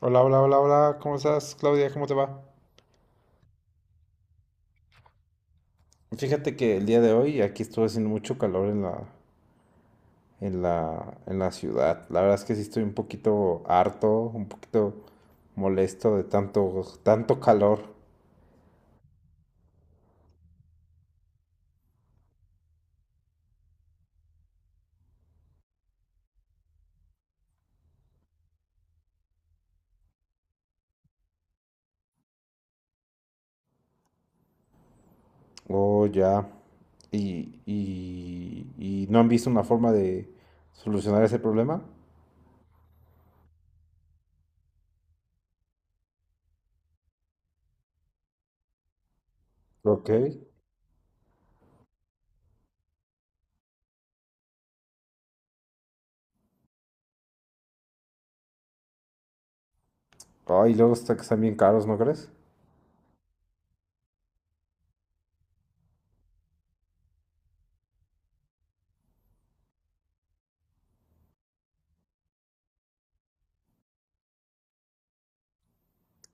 Hola, hola, hola, hola, ¿cómo estás, Claudia? ¿Cómo te va? Fíjate que el día de hoy aquí estuvo haciendo mucho calor en la ciudad. La verdad es que sí estoy un poquito harto, un poquito molesto de tanto, tanto calor. Oh, ya. Y no han visto una forma de solucionar ese problema. Ok. Ay, luego está que están bien caros, ¿no crees?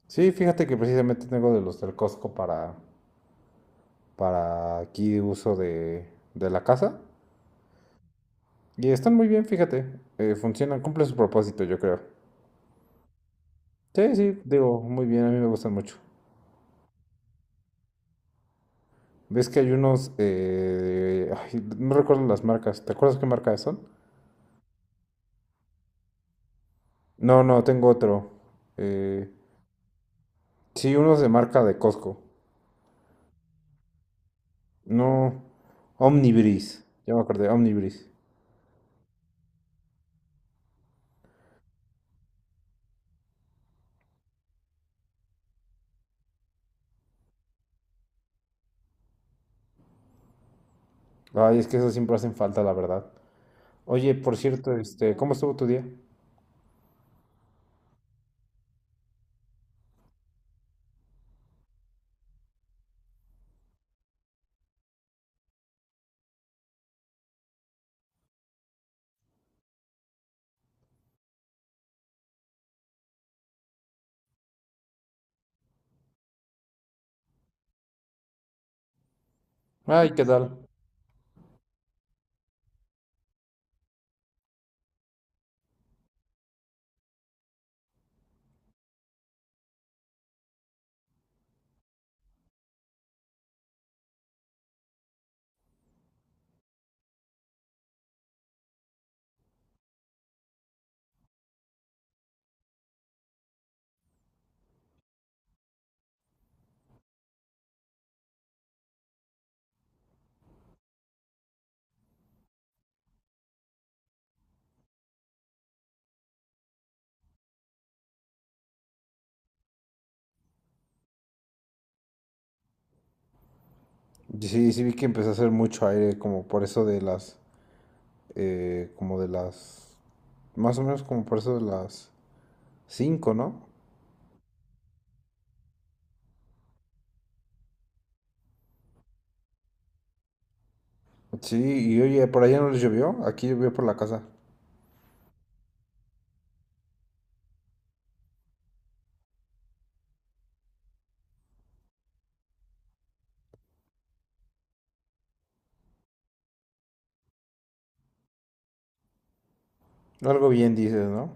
Sí, fíjate que precisamente tengo de los del Costco para aquí uso de la casa. Y están muy bien, fíjate. Funcionan, cumplen su propósito, yo creo. Sí, sí, digo, muy bien, a mí me gustan mucho. ¿Ves que hay unos ay, no recuerdo las marcas? ¿Te acuerdas qué marca son? No, no, tengo otro. Eh, sí, unos de marca de Costco. No, Omnibris. Ya me acordé, Omnibris. Ay, es que esos siempre hacen falta, la verdad. Oye, por cierto, ¿cómo estuvo tu día? Ay, ¿qué tal? Sí, sí vi que empezó a hacer mucho aire, como por eso de las más o menos como por eso de las cinco, ¿no? Sí, y oye, por allá no les llovió, aquí llovió por la casa. Algo bien dices, ¿no?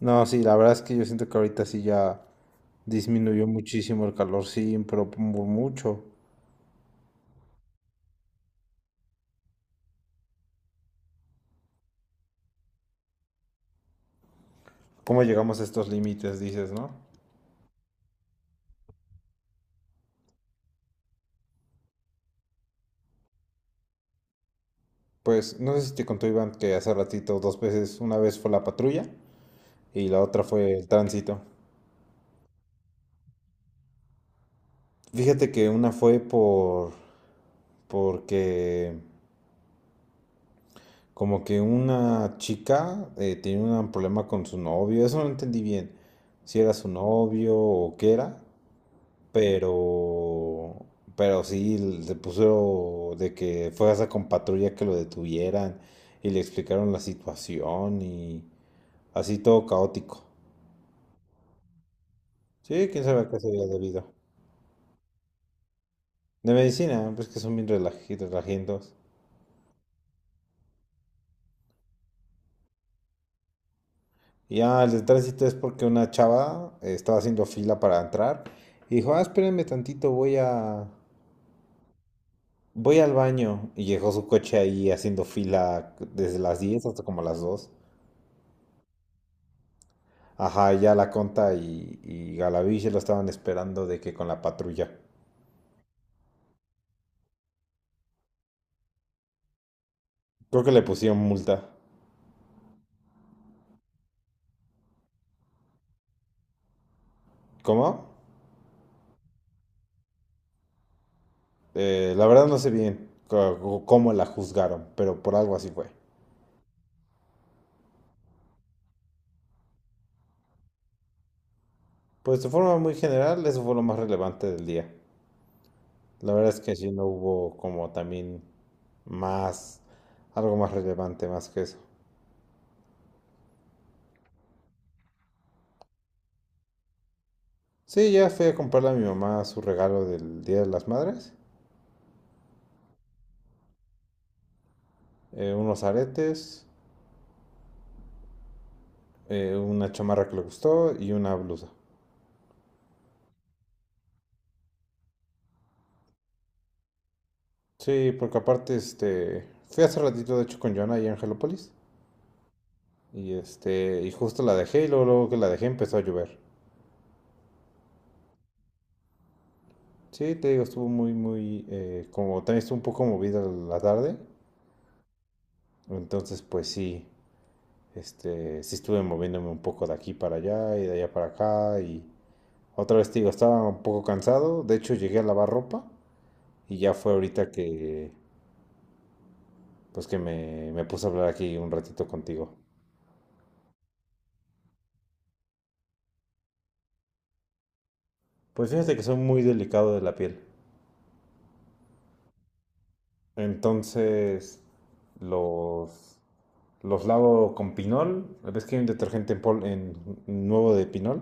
No, sí, la verdad es que yo siento que ahorita sí ya disminuyó muchísimo el calor, sí, pero mucho. ¿Cómo llegamos a estos límites, dices, no? Pues no sé si te contó Iván que hace ratito dos veces, una vez fue la patrulla y la otra fue el tránsito. Fíjate que una fue porque como que una chica, tenía un problema con su novio, eso no entendí bien, si era su novio o qué era, pero, pero sí le puso de que fue hasta con patrulla que lo detuvieran y le explicaron la situación y así todo caótico. Sí, quién sabe a qué sería debido. De medicina, pues que son bien relajientos. Y ya el de tránsito es porque una chava, estaba haciendo fila para entrar y dijo, ah, espérenme tantito, voy a... Voy al baño y dejó su coche ahí haciendo fila desde las 10 hasta como las 2. Ajá, ya la Conta y Galavich lo estaban esperando de que con la patrulla. Creo que le pusieron multa. ¿Cómo? La verdad no sé bien cómo la juzgaron, pero por algo así fue. Pues de forma muy general, eso fue lo más relevante del día. La verdad es que sí no hubo como también más, algo más relevante más que eso. Sí, ya fui a comprarle a mi mamá su regalo del Día de las Madres. Unos aretes, una chamarra que le gustó y una blusa. Sí, porque aparte, fui hace ratito de hecho con Joana y Angelopolis y y justo la dejé y luego, luego que la dejé empezó a llover. Sí, te digo, estuvo muy, muy, como también estuvo un poco movida la tarde, entonces pues sí, sí estuve moviéndome un poco de aquí para allá y de allá para acá y otra vez te digo, estaba un poco cansado, de hecho llegué a lavar ropa y ya fue ahorita que, pues que me puse a hablar aquí un ratito contigo. Pues fíjate que soy muy delicado de la piel. Entonces, los, los lavo con pinol. ¿Ves que hay un detergente nuevo de pinol?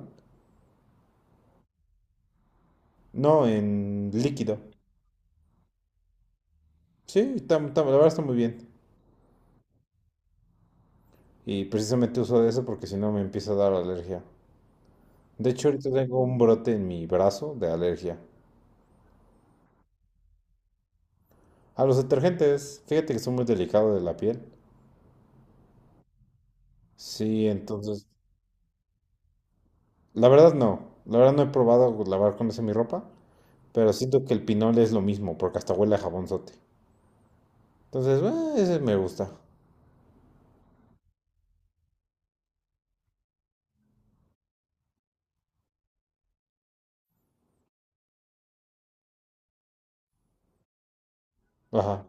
No, en líquido. Sí, la verdad está muy bien. Y precisamente uso de eso porque si no me empieza a dar alergia. De hecho, ahorita tengo un brote en mi brazo de alergia. A los detergentes, fíjate que soy muy delicado de la piel. Sí, entonces la verdad no, la verdad no he probado lavar con esa mi ropa, pero siento que el pinol es lo mismo, porque hasta huele a jabonzote. Entonces, ese me gusta. Ajá.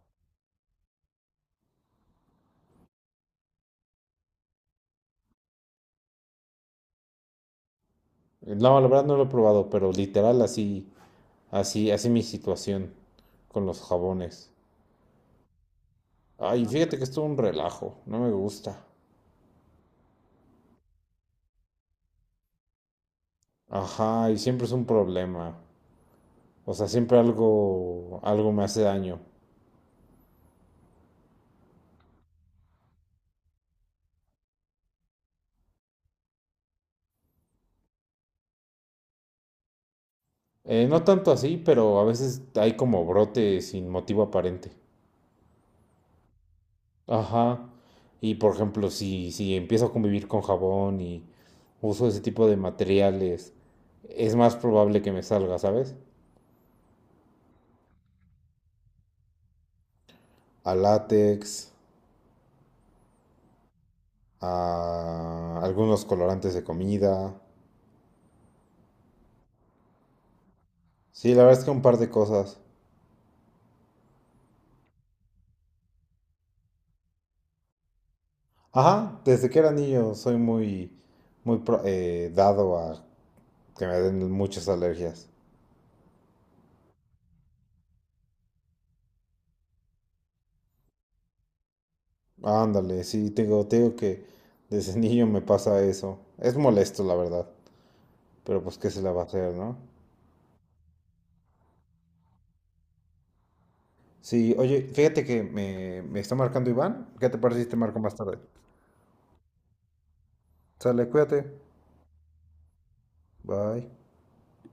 No, la verdad no lo he probado, pero literal así, así, así mi situación con los jabones. Ay, fíjate que es todo un relajo, no me gusta. Ajá, y siempre es un problema. O sea, siempre algo, algo me hace daño. No tanto así, pero a veces hay como brote sin motivo aparente. Ajá. Y por ejemplo, si empiezo a convivir con jabón y uso ese tipo de materiales, es más probable que me salga, ¿sabes? A látex, a algunos colorantes de comida. Sí, la verdad es que un par de cosas. Ajá, desde que era niño soy muy, muy dado a que me den muchas alergias. Ándale, sí, tengo que desde niño me pasa eso. Es molesto, la verdad, pero pues qué se la va a hacer, ¿no? Sí, oye, fíjate que me está marcando Iván. ¿Qué te parece si te marco más tarde? Sale, cuídate. Bye.